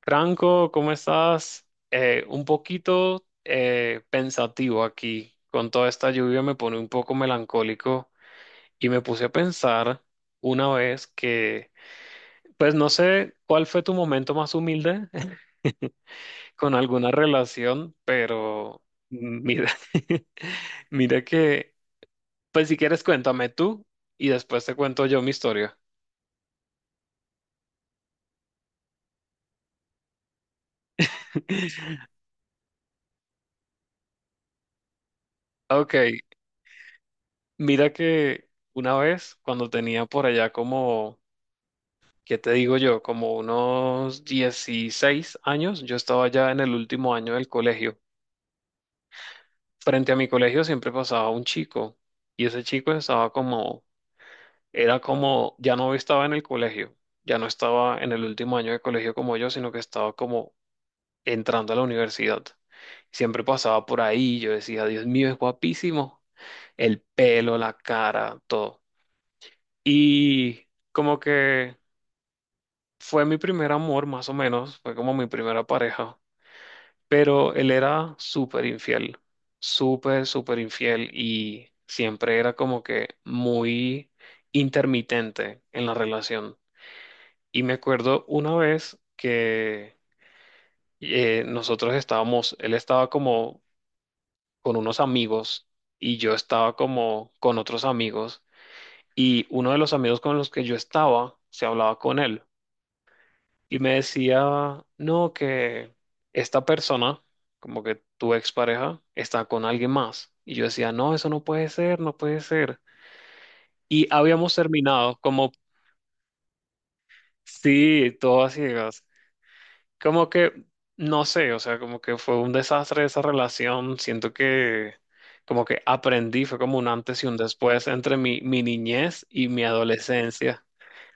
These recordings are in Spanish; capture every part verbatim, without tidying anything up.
Franco, ¿cómo estás? Eh, un poquito eh, pensativo aquí. Con toda esta lluvia me pone un poco melancólico y me puse a pensar una vez que, pues no sé cuál fue tu momento más humilde con alguna relación, pero mira, mira que, pues si quieres cuéntame tú y después te cuento yo mi historia. Ok, mira que una vez cuando tenía por allá como ¿qué te digo yo? Como unos dieciséis años, yo estaba ya en el último año del colegio. Frente a mi colegio siempre pasaba un chico y ese chico estaba como, era como, ya no estaba en el colegio, ya no estaba en el último año de colegio como yo, sino que estaba como entrando a la universidad. Siempre pasaba por ahí y yo decía, Dios mío, es guapísimo. El pelo, la cara, todo. Y como que fue mi primer amor, más o menos, fue como mi primera pareja. Pero él era súper infiel, súper, súper infiel y siempre era como que muy intermitente en la relación. Y me acuerdo una vez que eh, nosotros estábamos, él estaba como con unos amigos y yo estaba como con otros amigos y uno de los amigos con los que yo estaba se hablaba con él. Y me decía, no, que esta persona, como que tu expareja, está con alguien más. Y yo decía, no, eso no puede ser, no puede ser. Y habíamos terminado, como, sí, todas ciegas. Como que, no sé, o sea, como que fue un desastre esa relación. Siento que, como que aprendí, fue como un antes y un después entre mi, mi niñez y mi adolescencia.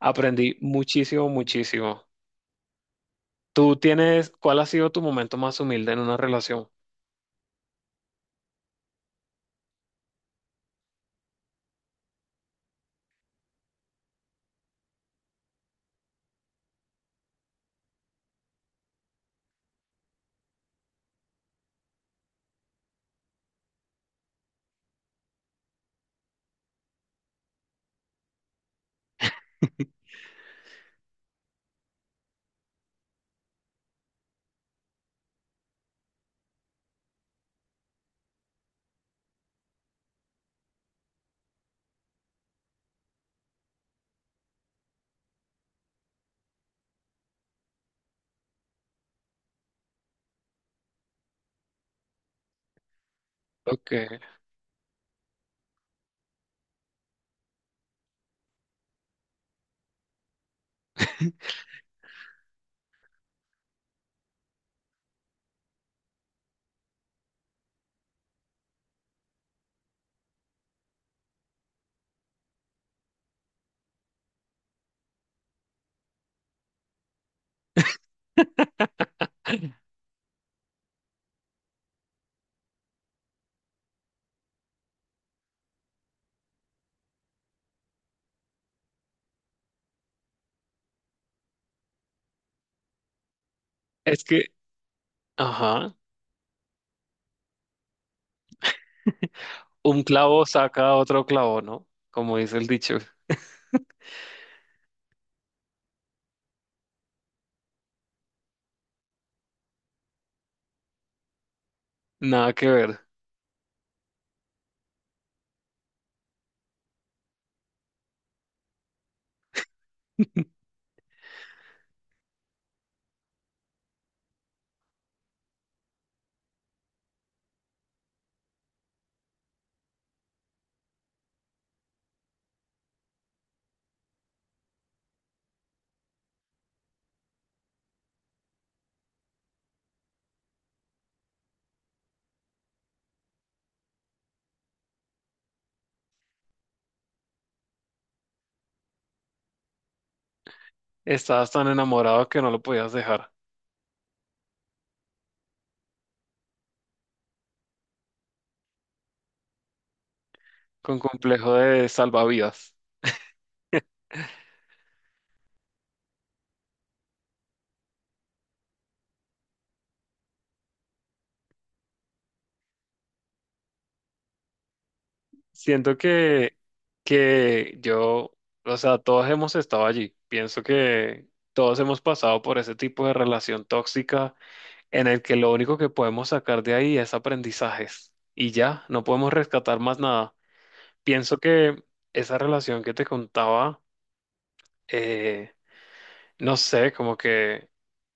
Aprendí muchísimo, muchísimo. ¿Tú tienes, cuál ha sido tu momento más humilde en una relación? Ok. Es que, ajá, un clavo saca otro clavo, ¿no? Como dice el dicho, nada que ver. Estabas tan enamorado que no lo podías dejar, con complejo de salvavidas. Siento que, que yo, o sea, todos hemos estado allí. Pienso que todos hemos pasado por ese tipo de relación tóxica en el que lo único que podemos sacar de ahí es aprendizajes. Y ya, no podemos rescatar más nada. Pienso que esa relación que te contaba eh, no sé, como que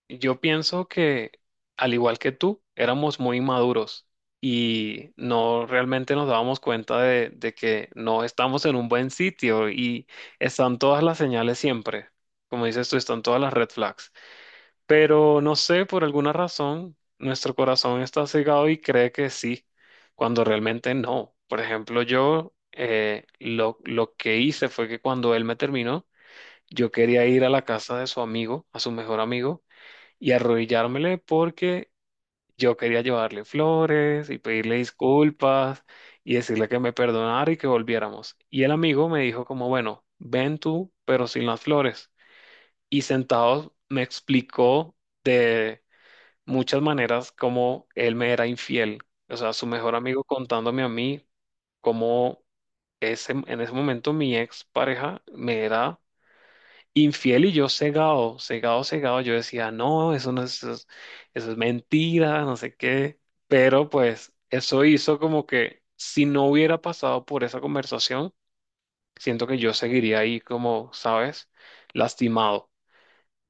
yo pienso que, al igual que tú, éramos muy inmaduros y no realmente nos dábamos cuenta de, de que no estamos en un buen sitio y están todas las señales siempre. Como dices tú, están todas las red flags. Pero no sé, por alguna razón, nuestro corazón está cegado y cree que sí, cuando realmente no. Por ejemplo, yo eh, lo, lo que hice fue que cuando él me terminó, yo quería ir a la casa de su amigo, a su mejor amigo, y arrodillármele porque yo quería llevarle flores y pedirle disculpas y decirle que me perdonara y que volviéramos. Y el amigo me dijo como, bueno, ven tú, pero sin las flores. Y sentados me explicó de muchas maneras cómo él me era infiel. O sea, su mejor amigo contándome a mí cómo ese, en ese momento mi ex pareja me era infiel y yo cegado, cegado, cegado. Yo decía, no, eso no es, eso es, eso es mentira, no sé qué. Pero pues eso hizo como que si no hubiera pasado por esa conversación, siento que yo seguiría ahí como, ¿sabes? Lastimado.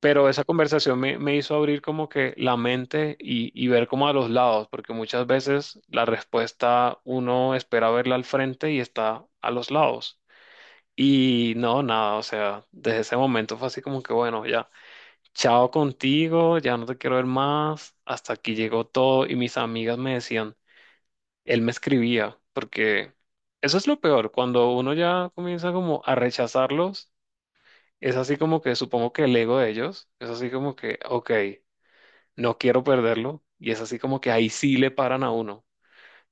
Pero esa conversación me, me hizo abrir como que la mente y, y ver como a los lados, porque muchas veces la respuesta uno espera verla al frente y está a los lados. Y no, nada, o sea, desde ese momento fue así como que bueno, ya chao contigo, ya no te quiero ver más, hasta aquí llegó todo y mis amigas me decían, él me escribía, porque eso es lo peor, cuando uno ya comienza como a rechazarlos, es así como que supongo que el ego de ellos, es así como que, ok, no quiero perderlo, y es así como que ahí sí le paran a uno,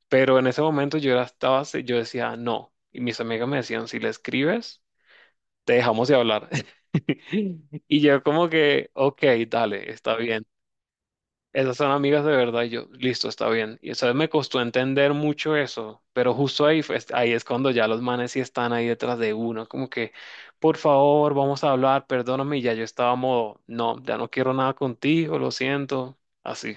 pero en ese momento yo ya estaba, así- yo decía, no, y mis amigas me decían, si le escribes, te dejamos de hablar. Y yo como que, ok, dale, está bien. Esas son amigas de verdad, y yo, listo, está bien. Y eso me costó entender mucho eso, pero justo ahí, fue- ahí es cuando ya los manes sí están ahí detrás de uno, como que, por favor, vamos a hablar, perdóname, y ya yo estaba modo, no, ya no quiero nada contigo, lo siento, así.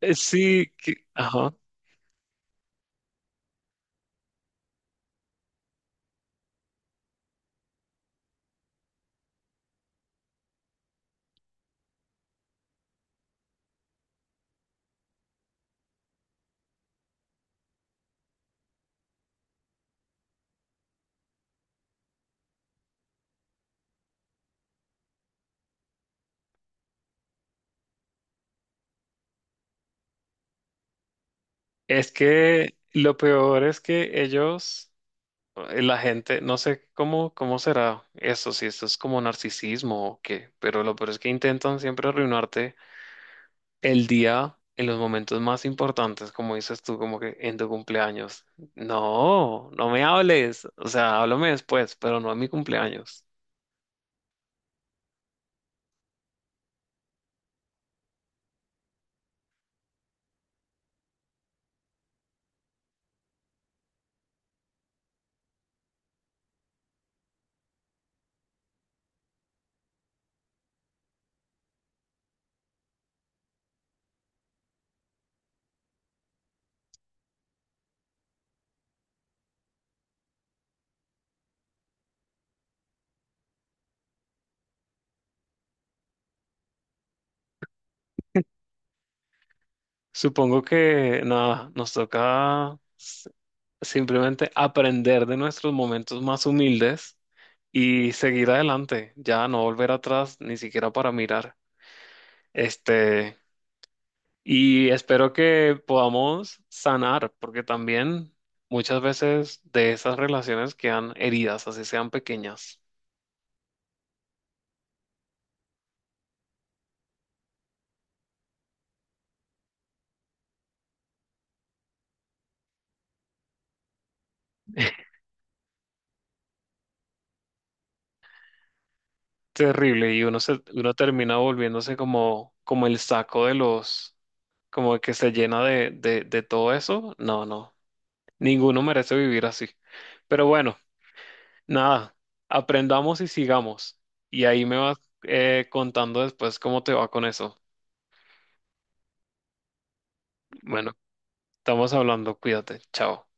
Eh, Sí, que- ajá. Es que lo peor es que ellos, eh, la gente, no sé cómo, cómo será eso, si esto es como narcisismo o qué, pero lo peor es que intentan siempre arruinarte el día en los momentos más importantes, como dices tú, como que en tu cumpleaños. No, no me hables, o sea, háblame después, pero no en mi cumpleaños. Supongo que nada, nos toca s- simplemente aprender de nuestros momentos más humildes y seguir adelante, ya no volver atrás ni siquiera para mirar. Este, Y espero que podamos sanar, porque también muchas veces de esas relaciones quedan heridas, así sean pequeñas. Terrible, y uno se, uno termina volviéndose como, como el saco de los, como que se llena de, de, de todo eso. No, no, ninguno merece vivir así. Pero bueno, nada, aprendamos y sigamos. Y ahí me vas eh, contando después cómo te va con eso. Bueno, estamos hablando, cuídate, chao.